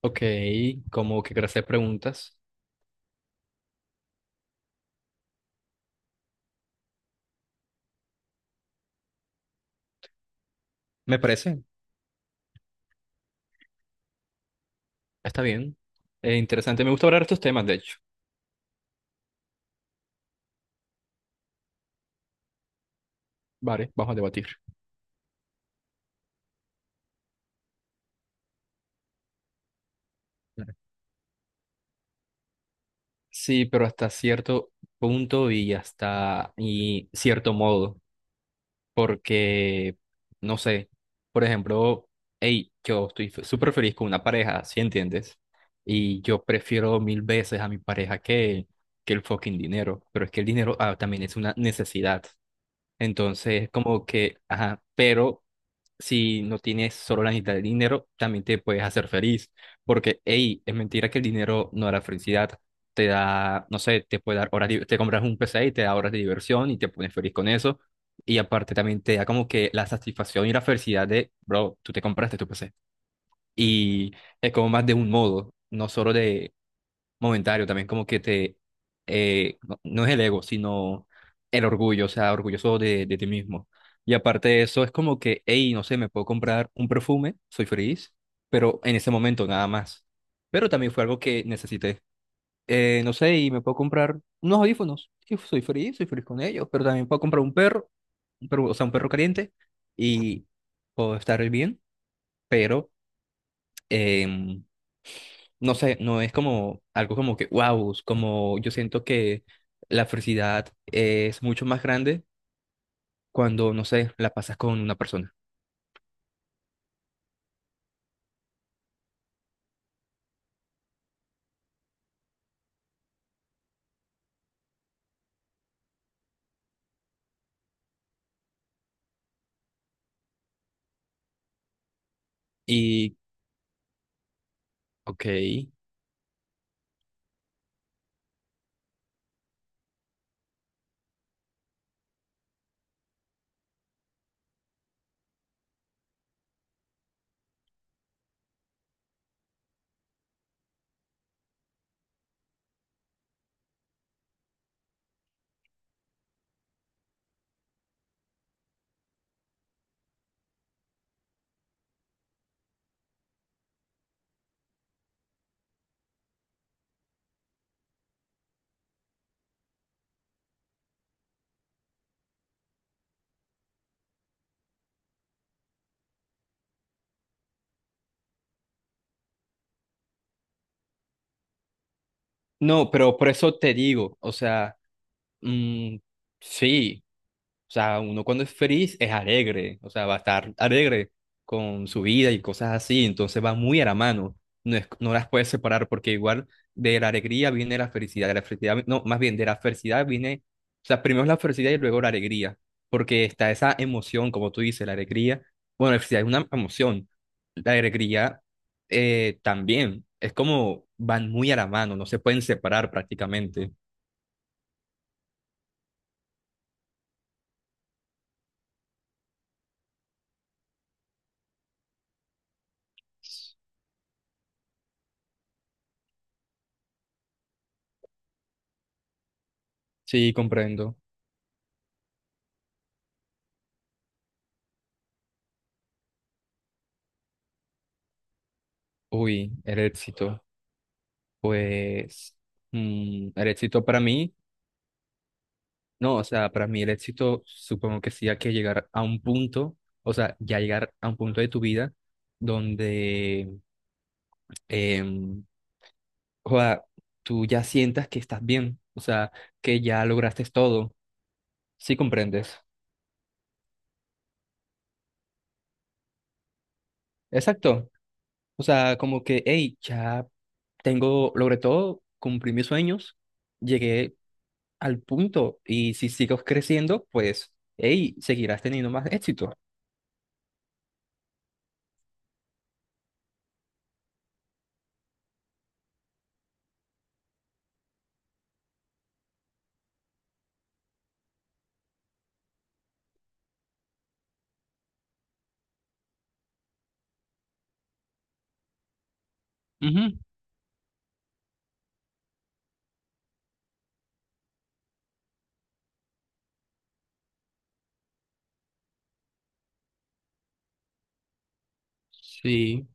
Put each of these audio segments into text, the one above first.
Ok, como que gracias preguntas. Me parece, está bien. Interesante, me gusta hablar de estos temas, de hecho. Vale, vamos a debatir. Claro. Sí, pero hasta cierto punto y hasta y cierto modo, porque, no sé, por ejemplo, hey, yo estoy súper feliz con una pareja, ¿sí entiendes? Y yo prefiero mil veces a mi pareja que el fucking dinero, pero es que el dinero también es una necesidad. Entonces, como que, ajá, pero si no tienes solo la necesidad de dinero, también te puedes hacer feliz. Porque, hey, es mentira que el dinero no da la felicidad. Te da, no sé, te puede dar horas, te compras un PC y te da horas de diversión y te pones feliz con eso. Y aparte también te da como que la satisfacción y la felicidad de, bro, tú te compraste tu PC. Y es como más de un modo, no solo de momentario también, como que te, no, no es el ego, sino el orgullo, o sea, orgulloso de ti mismo. Y aparte de eso, es como que, hey, no sé, me puedo comprar un perfume, soy feliz, pero en ese momento nada más. Pero también fue algo que necesité. No sé, y me puedo comprar unos audífonos, y soy feliz con ellos, pero también puedo comprar un perro, o sea, un perro caliente, y puedo estar bien, pero em, no sé, no es como algo como que, wow, como yo siento que la felicidad es mucho más grande cuando, no sé, la pasas con una persona. Y, ok, no, pero por eso te digo, o sea, mm, sí, o sea, uno cuando es feliz es alegre, o sea, va a estar alegre con su vida y cosas así, entonces va muy a la mano. No, no las puedes separar porque igual de la alegría viene la felicidad, de la felicidad, no, más bien de la felicidad viene, o sea, primero es la felicidad y luego la alegría, porque está esa emoción, como tú dices, la alegría, bueno, la felicidad es una emoción, la alegría también, es como van muy a la mano, no se pueden separar prácticamente. Sí, comprendo. Uy, el éxito. Pues el éxito para mí, no, o sea, para mí el éxito supongo que sí hay que llegar a un punto, o sea, ya llegar a un punto de tu vida donde em, joda, tú ya sientas que estás bien, o sea, que ya lograste todo, ¿sí comprendes? Exacto, o sea, como que, hey, ya tengo, logré todo, cumplí mis sueños, llegué al punto y si sigo creciendo, pues, hey, seguirás teniendo más éxito. Ujú. Sí.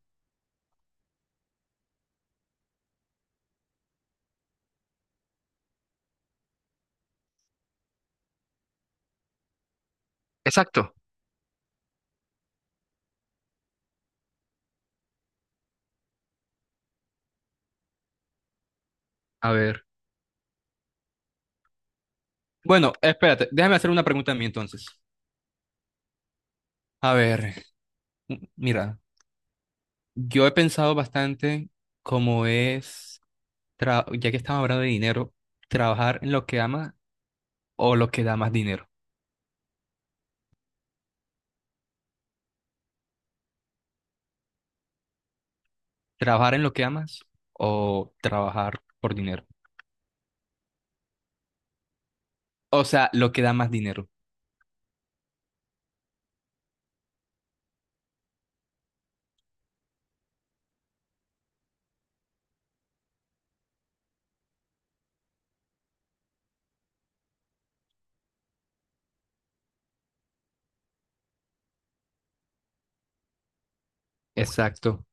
Exacto. A ver. Bueno, espérate, déjame hacer una pregunta a mí entonces. A ver, mira, yo he pensado bastante cómo es, ya que estamos hablando de dinero, trabajar en lo que amas o lo que da más dinero. Trabajar en lo que amas o trabajar por dinero. O sea, lo que da más dinero. Exacto.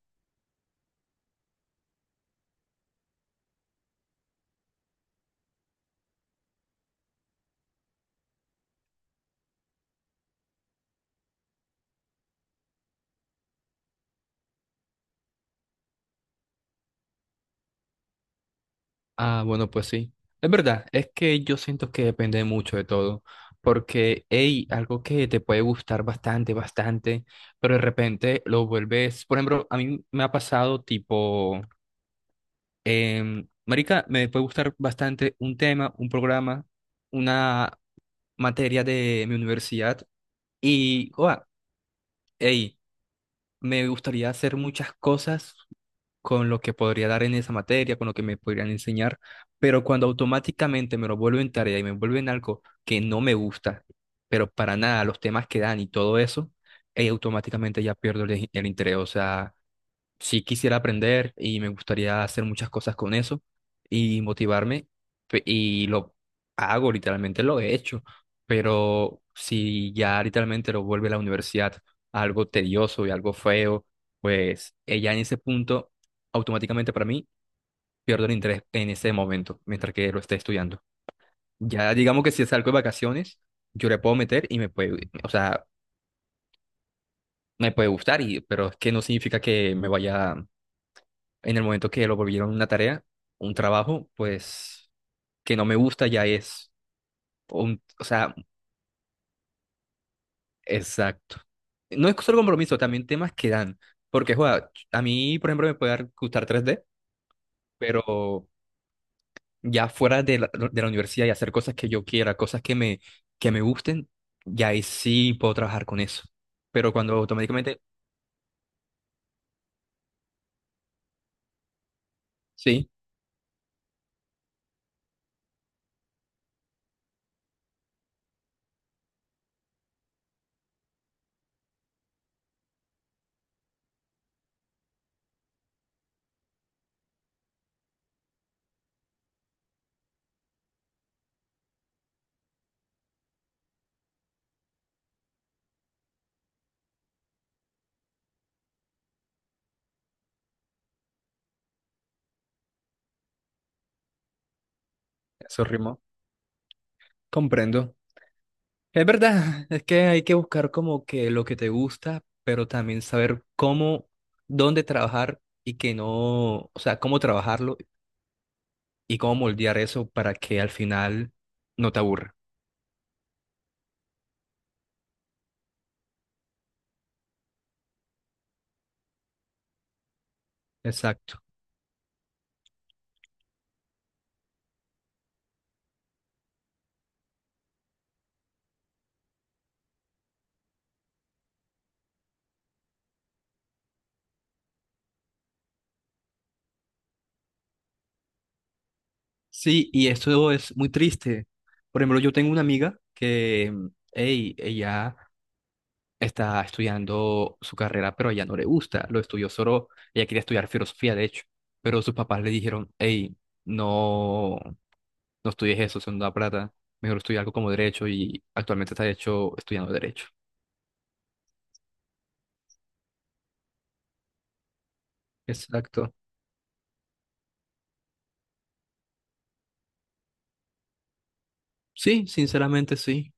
Ah, bueno, pues sí. Es verdad, es que yo siento que depende mucho de todo, porque, hey, algo que te puede gustar bastante, bastante, pero de repente lo vuelves, por ejemplo, a mí me ha pasado tipo, marica, me puede gustar bastante un tema, un programa, una materia de mi universidad y, hey, me gustaría hacer muchas cosas con lo que podría dar en esa materia, con lo que me podrían enseñar, pero cuando automáticamente me lo vuelven tarea y me vuelven algo que no me gusta, pero para nada, los temas que dan y todo eso, automáticamente ya pierdo el interés. O sea, sí quisiera aprender y me gustaría hacer muchas cosas con eso y motivarme y lo hago, literalmente lo he hecho, pero si ya literalmente lo vuelve la universidad algo tedioso y algo feo, pues ya en ese punto automáticamente para mí pierdo el interés en ese momento mientras que lo esté estudiando. Ya digamos que si salgo de vacaciones, yo le puedo meter y me puede, o sea, me puede gustar, y, pero es que no significa que me vaya en el momento que lo volvieron una tarea, un trabajo, pues que no me gusta ya es un, o sea, exacto. No es solo compromiso, también temas que dan, porque joda, a mí, por ejemplo, gustar tres d pero ya fuera de la universidad y hacer cosas que yo quiera, cosas que me gusten, ya ahí sí puedo trabajar con eso. Pero cuando automáticamente, sí, eso rimó, comprendo. Es verdad, es que hay que buscar como que lo que te gusta, pero también saber cómo, dónde trabajar y que no, o sea, cómo trabajarlo y cómo moldear eso para que al final no te aburra. Exacto. Sí, y esto es muy triste. Por ejemplo, yo tengo una amiga que, hey, ella está estudiando su carrera, pero a ella no le gusta. Lo estudió solo, ella quería estudiar filosofía, de hecho, pero sus papás le dijeron, hey, no. No estudies eso, son da plata, mejor estudia algo como derecho y actualmente está hecho estudiando derecho. Exacto. Sí, sinceramente sí,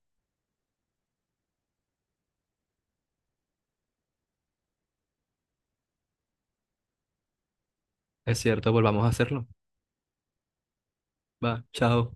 es cierto, volvamos a hacerlo. Va, chao.